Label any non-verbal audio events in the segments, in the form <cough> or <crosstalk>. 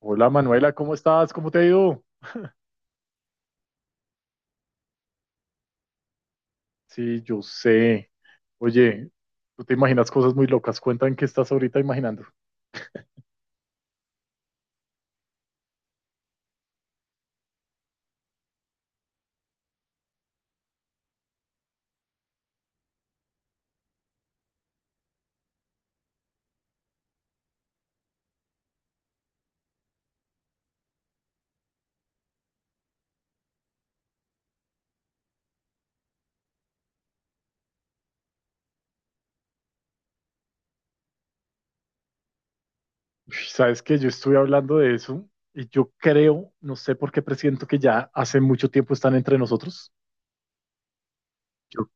Hola Manuela, ¿cómo estás? ¿Cómo te ha ido? Sí, yo sé. Oye, tú te imaginas cosas muy locas. Cuéntame qué estás ahorita imaginando. Uy, sabes que yo estuve hablando de eso y yo creo, no sé por qué presiento que ya hace mucho tiempo están entre nosotros. Yo,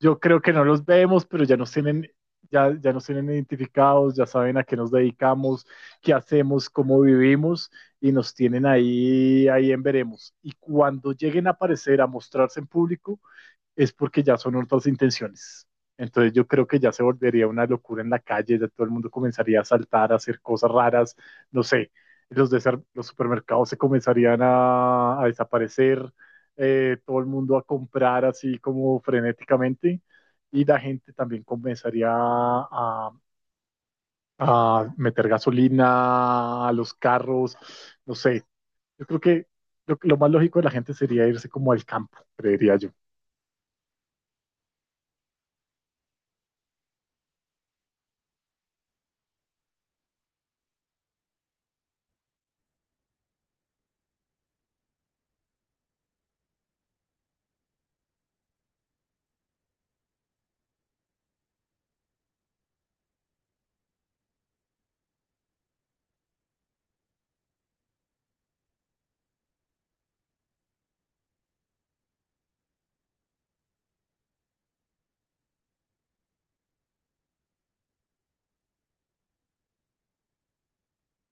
yo creo que no los vemos, pero ya nos tienen. Ya nos tienen identificados, ya saben a qué nos dedicamos, qué hacemos, cómo vivimos y nos tienen ahí en veremos. Y cuando lleguen a aparecer, a mostrarse en público, es porque ya son otras intenciones. Entonces yo creo que ya se volvería una locura en la calle, ya todo el mundo comenzaría a saltar, a hacer cosas raras, no sé, los, de los supermercados se comenzarían a desaparecer, todo el mundo a comprar así como frenéticamente y la gente también comenzaría a meter gasolina a los carros, no sé, yo creo que lo más lógico de la gente sería irse como al campo, creería yo.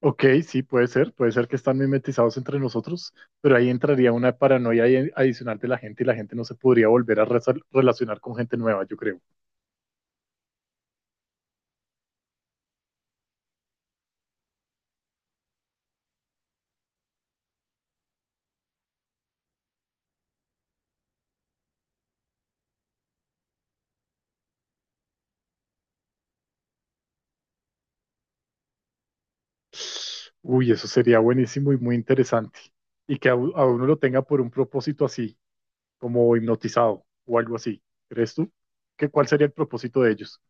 Ok, sí, puede ser que están mimetizados entre nosotros, pero ahí entraría una paranoia ahí adicional de la gente y la gente no se podría volver a relacionar con gente nueva, yo creo. Uy, eso sería buenísimo y muy interesante. Y que a uno lo tenga por un propósito así, como hipnotizado o algo así. ¿Crees tú? ¿ Cuál sería el propósito de ellos?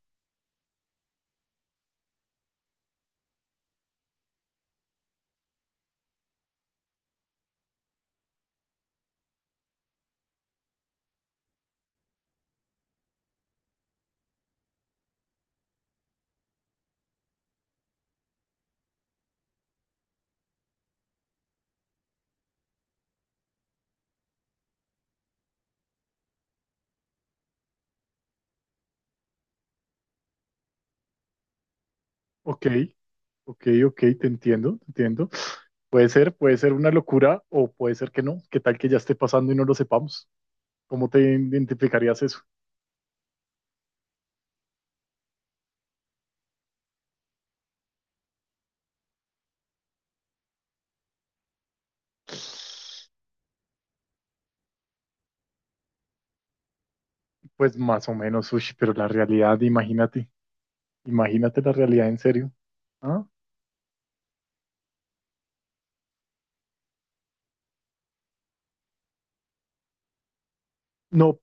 Ok, ok, te entiendo, te entiendo. Puede ser una locura o puede ser que no. ¿Qué tal que ya esté pasando y no lo sepamos? ¿Cómo te identificarías eso? Pues más o menos, uy, pero la realidad, imagínate, imagínate la realidad en serio. ¿Ah? No,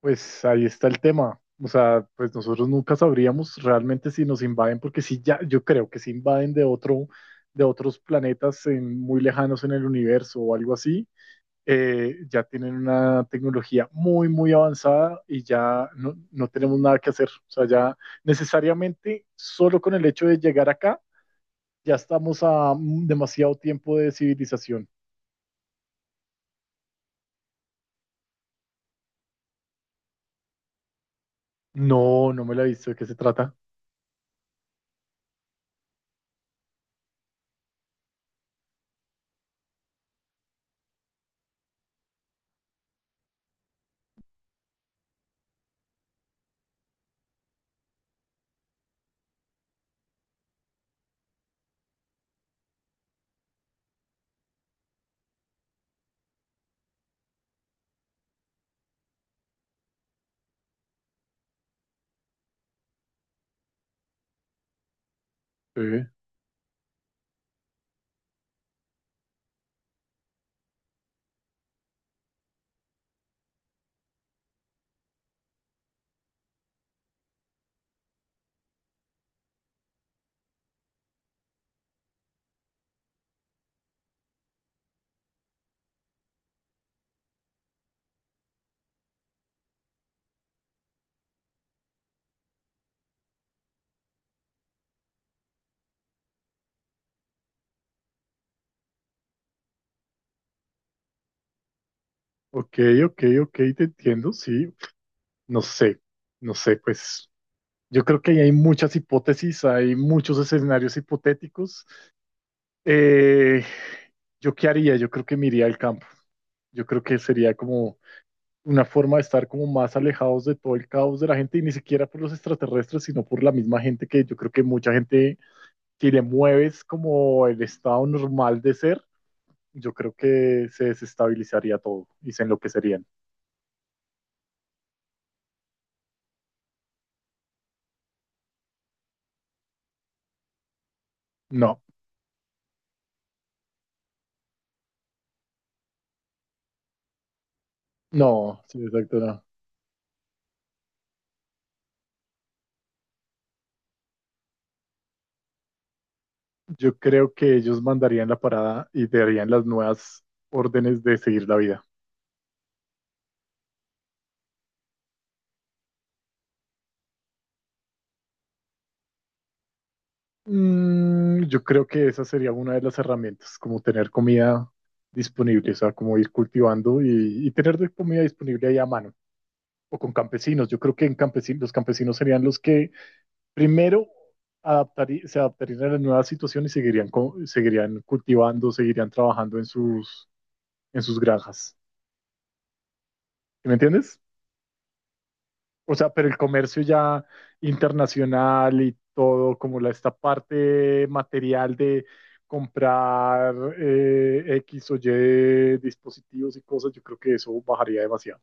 pues ahí está el tema. O sea, pues nosotros nunca sabríamos realmente si nos invaden, porque si ya, yo creo que si invaden de otros planetas muy lejanos en el universo o algo así, ya tienen una tecnología muy, muy avanzada y ya no, no tenemos nada que hacer. O sea, ya necesariamente solo con el hecho de llegar acá, ya estamos a demasiado tiempo de civilización. No, no me la he visto. ¿De qué se trata? Eh, ok, ok, te entiendo. Sí, no sé, no sé, pues yo creo que ahí hay muchas hipótesis, hay muchos escenarios hipotéticos. Eh, ¿Yo qué haría? Yo creo que me iría al campo. Yo creo que sería como una forma de estar como más alejados de todo el caos de la gente y ni siquiera por los extraterrestres, sino por la misma gente, que yo creo que mucha gente que le mueves como el estado normal de ser, yo creo que se desestabilizaría todo y se enloquecerían. No, no, sí, exacto, no. Yo creo que ellos mandarían la parada y darían las nuevas órdenes de seguir la vida. Mm, yo creo que esa sería una de las herramientas, como tener comida disponible, o sea, como ir cultivando y tener de comida disponible ahí a mano, o con campesinos. Yo creo que en campesinos, los campesinos serían los que primero se adaptarían a la nueva situación y seguirían, seguirían cultivando, seguirían trabajando en sus granjas. ¿Sí? ¿Me entiendes? O sea, pero el comercio ya internacional y todo, como esta parte material de comprar, X o Y dispositivos y cosas, yo creo que eso bajaría demasiado.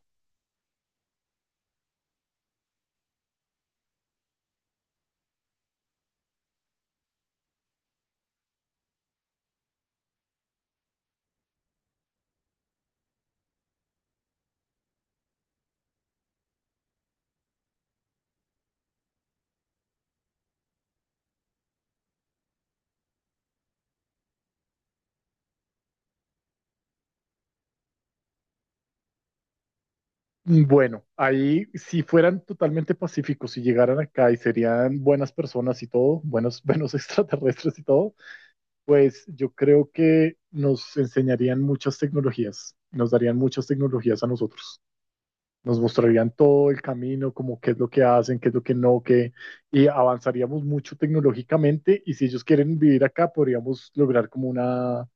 Bueno, ahí si fueran totalmente pacíficos y llegaran acá y serían buenas personas y todo, buenos, <laughs> buenos extraterrestres y todo, pues yo creo que nos enseñarían muchas tecnologías, nos darían muchas tecnologías a nosotros, nos mostrarían todo el camino, como qué es lo que hacen, qué es lo que no, qué, y avanzaríamos mucho tecnológicamente, y si ellos quieren vivir acá podríamos lograr como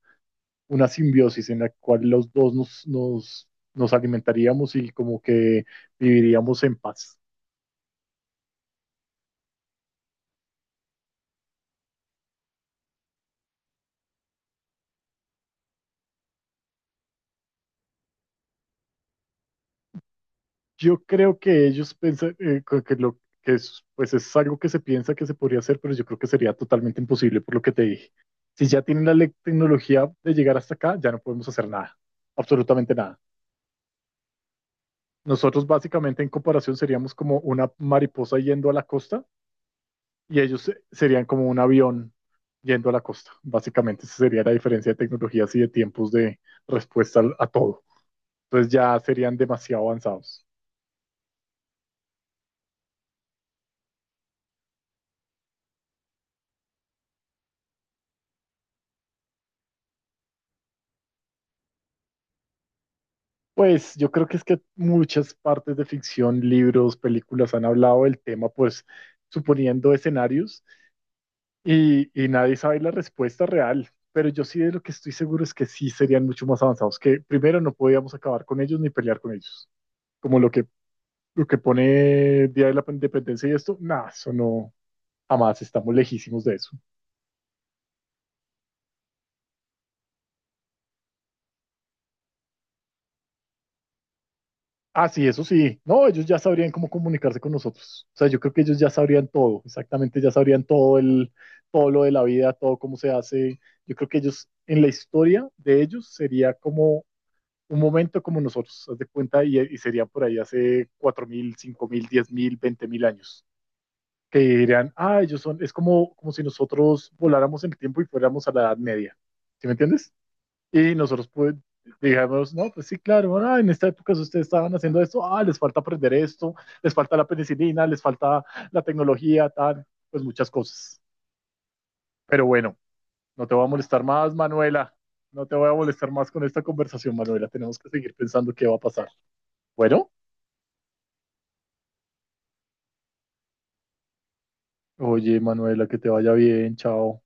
una simbiosis en la cual los dos nos alimentaríamos y como que viviríamos en paz. Yo creo que ellos piensan que lo que es, pues es algo que se piensa que se podría hacer, pero yo creo que sería totalmente imposible por lo que te dije. Si ya tienen la tecnología de llegar hasta acá, ya no podemos hacer nada, absolutamente nada. Nosotros básicamente en comparación seríamos como una mariposa yendo a la costa, y ellos serían como un avión yendo a la costa. Básicamente esa sería la diferencia de tecnologías y de tiempos de respuesta a todo. Entonces ya serían demasiado avanzados. Pues yo creo que es que muchas partes de ficción, libros, películas han hablado del tema, pues suponiendo escenarios, y nadie sabe la respuesta real. Pero yo sí de lo que estoy seguro es que sí serían mucho más avanzados, que primero no podíamos acabar con ellos ni pelear con ellos. Como lo que pone Día de la Independencia y esto, nada, eso no, jamás, estamos lejísimos de eso. Ah, sí, eso sí. No, ellos ya sabrían cómo comunicarse con nosotros. O sea, yo creo que ellos ya sabrían todo, exactamente, ya sabrían todo lo de la vida, todo cómo se hace. Yo creo que ellos, en la historia de ellos, sería como un momento como nosotros, haz de cuenta, y sería por ahí hace 4.000, 1.000, 5.000, 10.000, 20.000 años, que dirían, ah, ellos son, es como, como si nosotros voláramos en el tiempo y fuéramos a la Edad Media. ¿Sí me entiendes? Y nosotros pues, dijimos, no, pues sí, claro, bueno, en esta época si ustedes estaban haciendo esto, ah, les falta aprender esto, les falta la penicilina, les falta la tecnología, tal, pues muchas cosas. Pero bueno, no te voy a molestar más, Manuela. No te voy a molestar más con esta conversación, Manuela. Tenemos que seguir pensando qué va a pasar. Bueno, oye, Manuela, que te vaya bien, chao.